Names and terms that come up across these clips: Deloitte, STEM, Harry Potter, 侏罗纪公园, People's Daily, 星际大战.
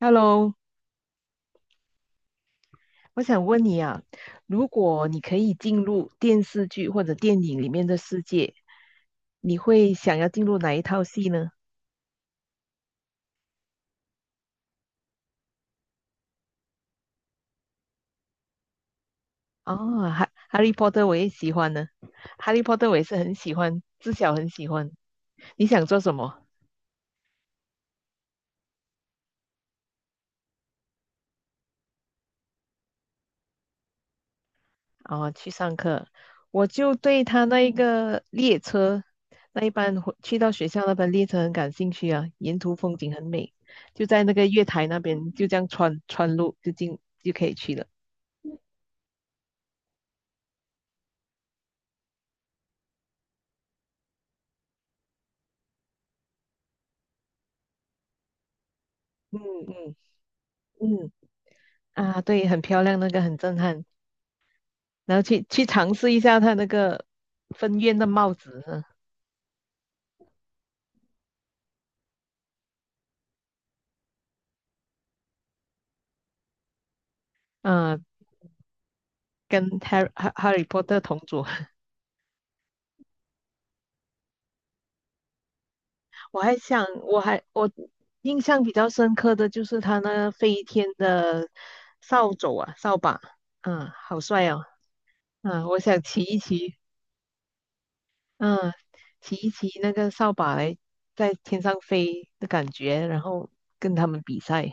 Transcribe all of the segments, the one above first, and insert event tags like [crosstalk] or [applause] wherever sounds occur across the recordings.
Hello，我想问你啊，如果你可以进入电视剧或者电影里面的世界，你会想要进入哪一套戏呢？哦，哈，《哈利波特》我也喜欢呢，《哈利波特》我也是很喜欢，自小很喜欢。你想做什么？哦，去上课，我就对他那一个列车，那一班回去到学校那班列车很感兴趣啊，沿途风景很美，就在那个月台那边，就这样穿路就进就可以去了。嗯，嗯，嗯，啊，对，很漂亮，那个很震撼。然后去尝试一下他那个分院的帽子呢，嗯，跟 Harry Potter 同组。[laughs] 我还想，我印象比较深刻的就是他那飞天的扫帚啊，扫把，嗯，好帅哦。嗯，我想骑一骑，嗯，骑一骑那个扫把来在天上飞的感觉，然后跟他们比赛。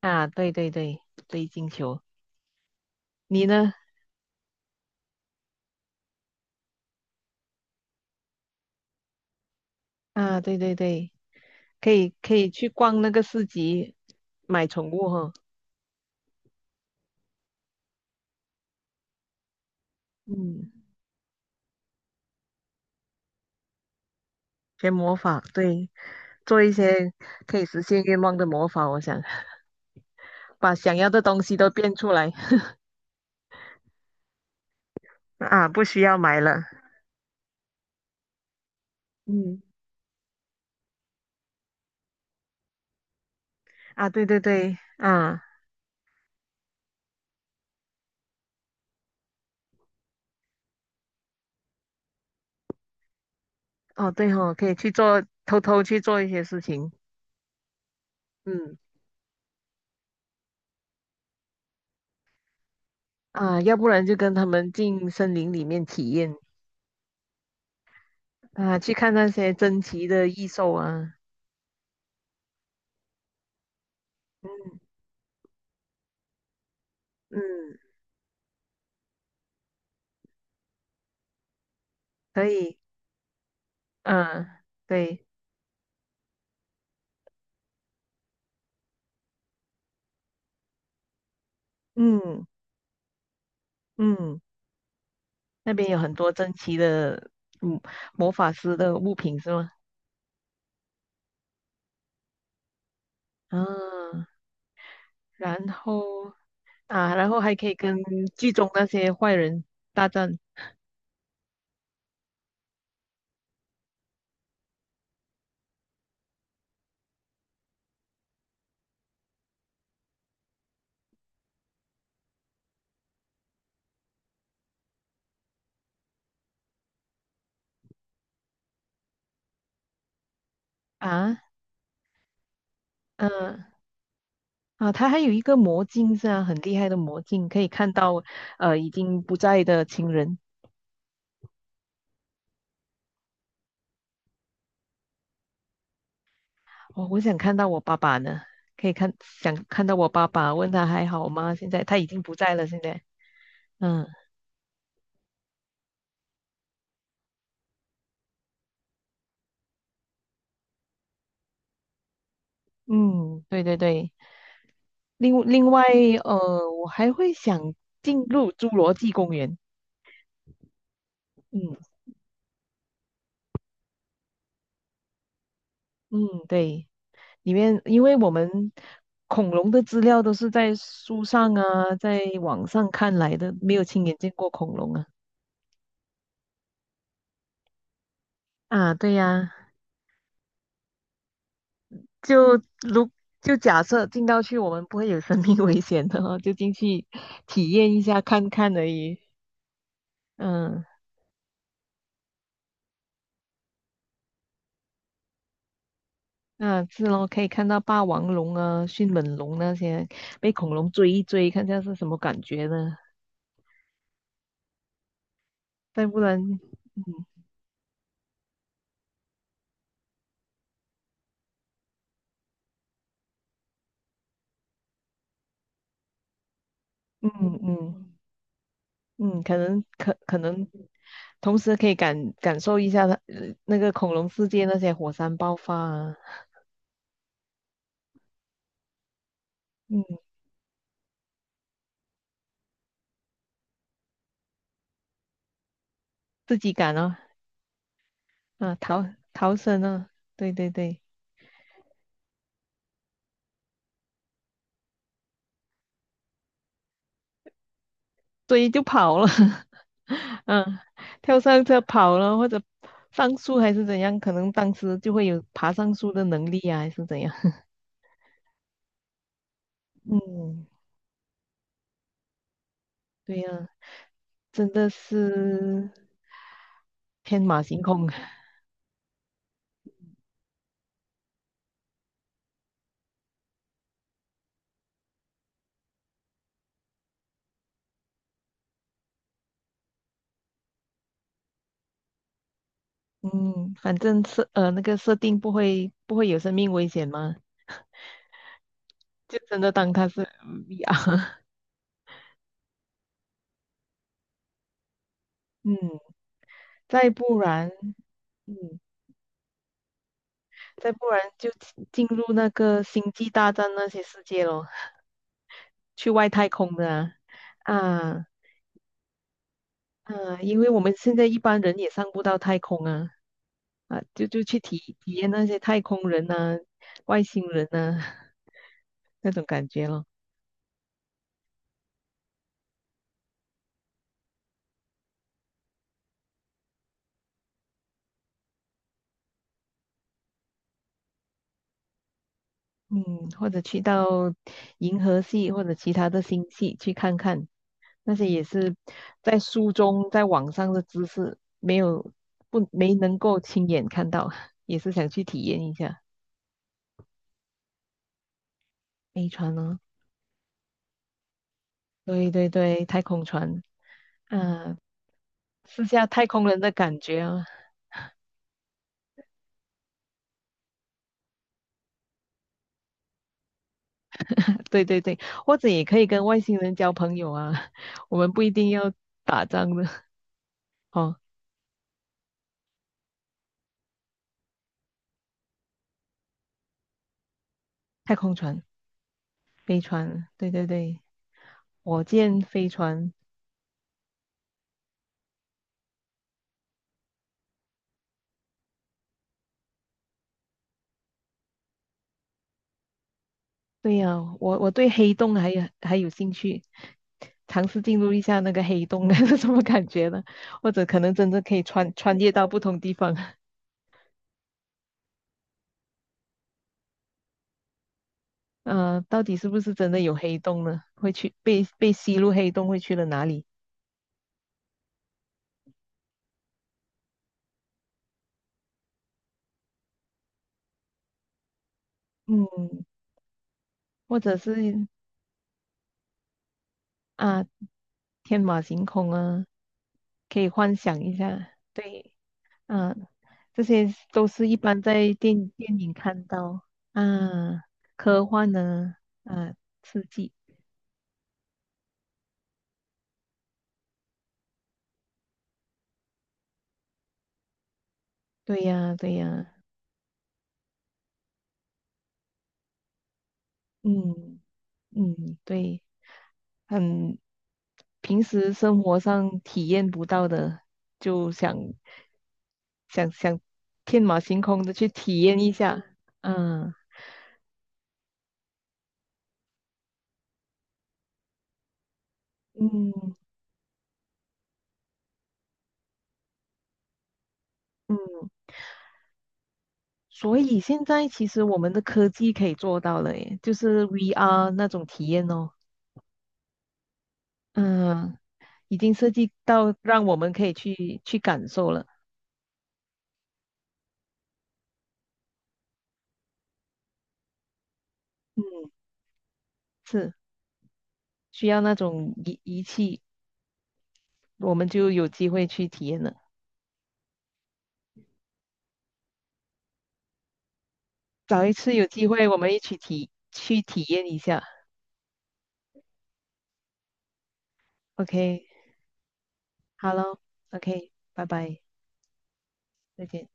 啊，对对对，追金球。你呢？啊，对对对，可以可以去逛那个市集买宠物哈，嗯，学魔法，对，做一些可以实现愿望的魔法，我想把想要的东西都变出来。啊，不需要买了。嗯，啊，对对对，啊，哦对哦，可以去做，偷偷去做一些事情。嗯，啊，要不然就跟他们进森林里面体验，啊，去看那些珍奇的异兽啊。嗯，嗯，可以，嗯，对。嗯，嗯，那边有很多珍奇的，嗯，魔法师的物品是吗？啊，然后啊，然后还可以跟剧中那些坏人大战。啊，嗯，啊，他还有一个魔镜是啊，很厉害的魔镜，可以看到已经不在的亲人。哦，我想看到我爸爸呢，可以看想看到我爸爸，问他还好吗？现在他已经不在了，现在。嗯，嗯，对对对。另外，我还会想进入侏罗纪公园。嗯，嗯，对，里面因为我们恐龙的资料都是在书上啊，在网上看来的，没有亲眼见过恐龙啊。啊，对呀，就如就假设进到去，我们不会有生命危险的哦，就进去体验一下看看而已。嗯，那是咯，可以看到霸王龙啊、迅猛龙那些被恐龙追一追，看下是什么感觉呢？再不然，嗯，嗯，嗯，嗯，可能可能，同时可以感受一下它那个恐龙世界那些火山爆发啊，嗯，自己赶啊，啊，逃逃生啊，对对对，所以就跑了，[laughs] 嗯，跳上车跑了或者上树还是怎样，可能当时就会有爬上树的能力啊，还是怎样。[laughs] 嗯，对呀，真的是天马行空。嗯，反正设那个设定不会有生命危险吗？就真的当它是嗯 VR。[laughs] 嗯，再不然，嗯，再不然就进进入那个星际大战那些世界咯，去外太空的啊。啊，啊，因为我们现在一般人也上不到太空啊。啊，就就去体体验那些太空人呐、外星人呐。 [laughs] 那种感觉咯。嗯，或者去到银河系或者其他的星系去看看，那些也是在书中、在网上的知识，没有不没能够亲眼看到，[laughs] 也是想去体验一下飞船哦。对对对，太空船，嗯，试下太空人的感觉啊。[laughs] 对对对，或者也可以跟外星人交朋友啊，[laughs] 我们不一定要打仗的。 [laughs]。哦，太空船、飞船，对对对，火箭、飞船。对呀，我我对黑洞还有兴趣，尝试进入一下那个黑洞。 [laughs] 是什么感觉呢？或者可能真的可以穿穿越到不同地方。[laughs] 呃，到底是不是真的有黑洞呢？会去被被吸入黑洞会去了哪里？嗯，或者是啊，天马行空啊，可以幻想一下。对，啊，这些都是一般在电电影看到啊，科幻呢，啊，刺激。对呀，对呀，嗯，嗯，对，很平时生活上体验不到的，就想想想天马行空的去体验一下，嗯，嗯，嗯，所以现在其实我们的科技可以做到了，耶，就是 VR 那种体验哦，嗯，已经设计到让我们可以去感受了，嗯，是需要那种仪仪器。我们就有机会去体验了。找一次有机会，我们一起体去体验一下。OK,好喽，OK,拜拜，再见。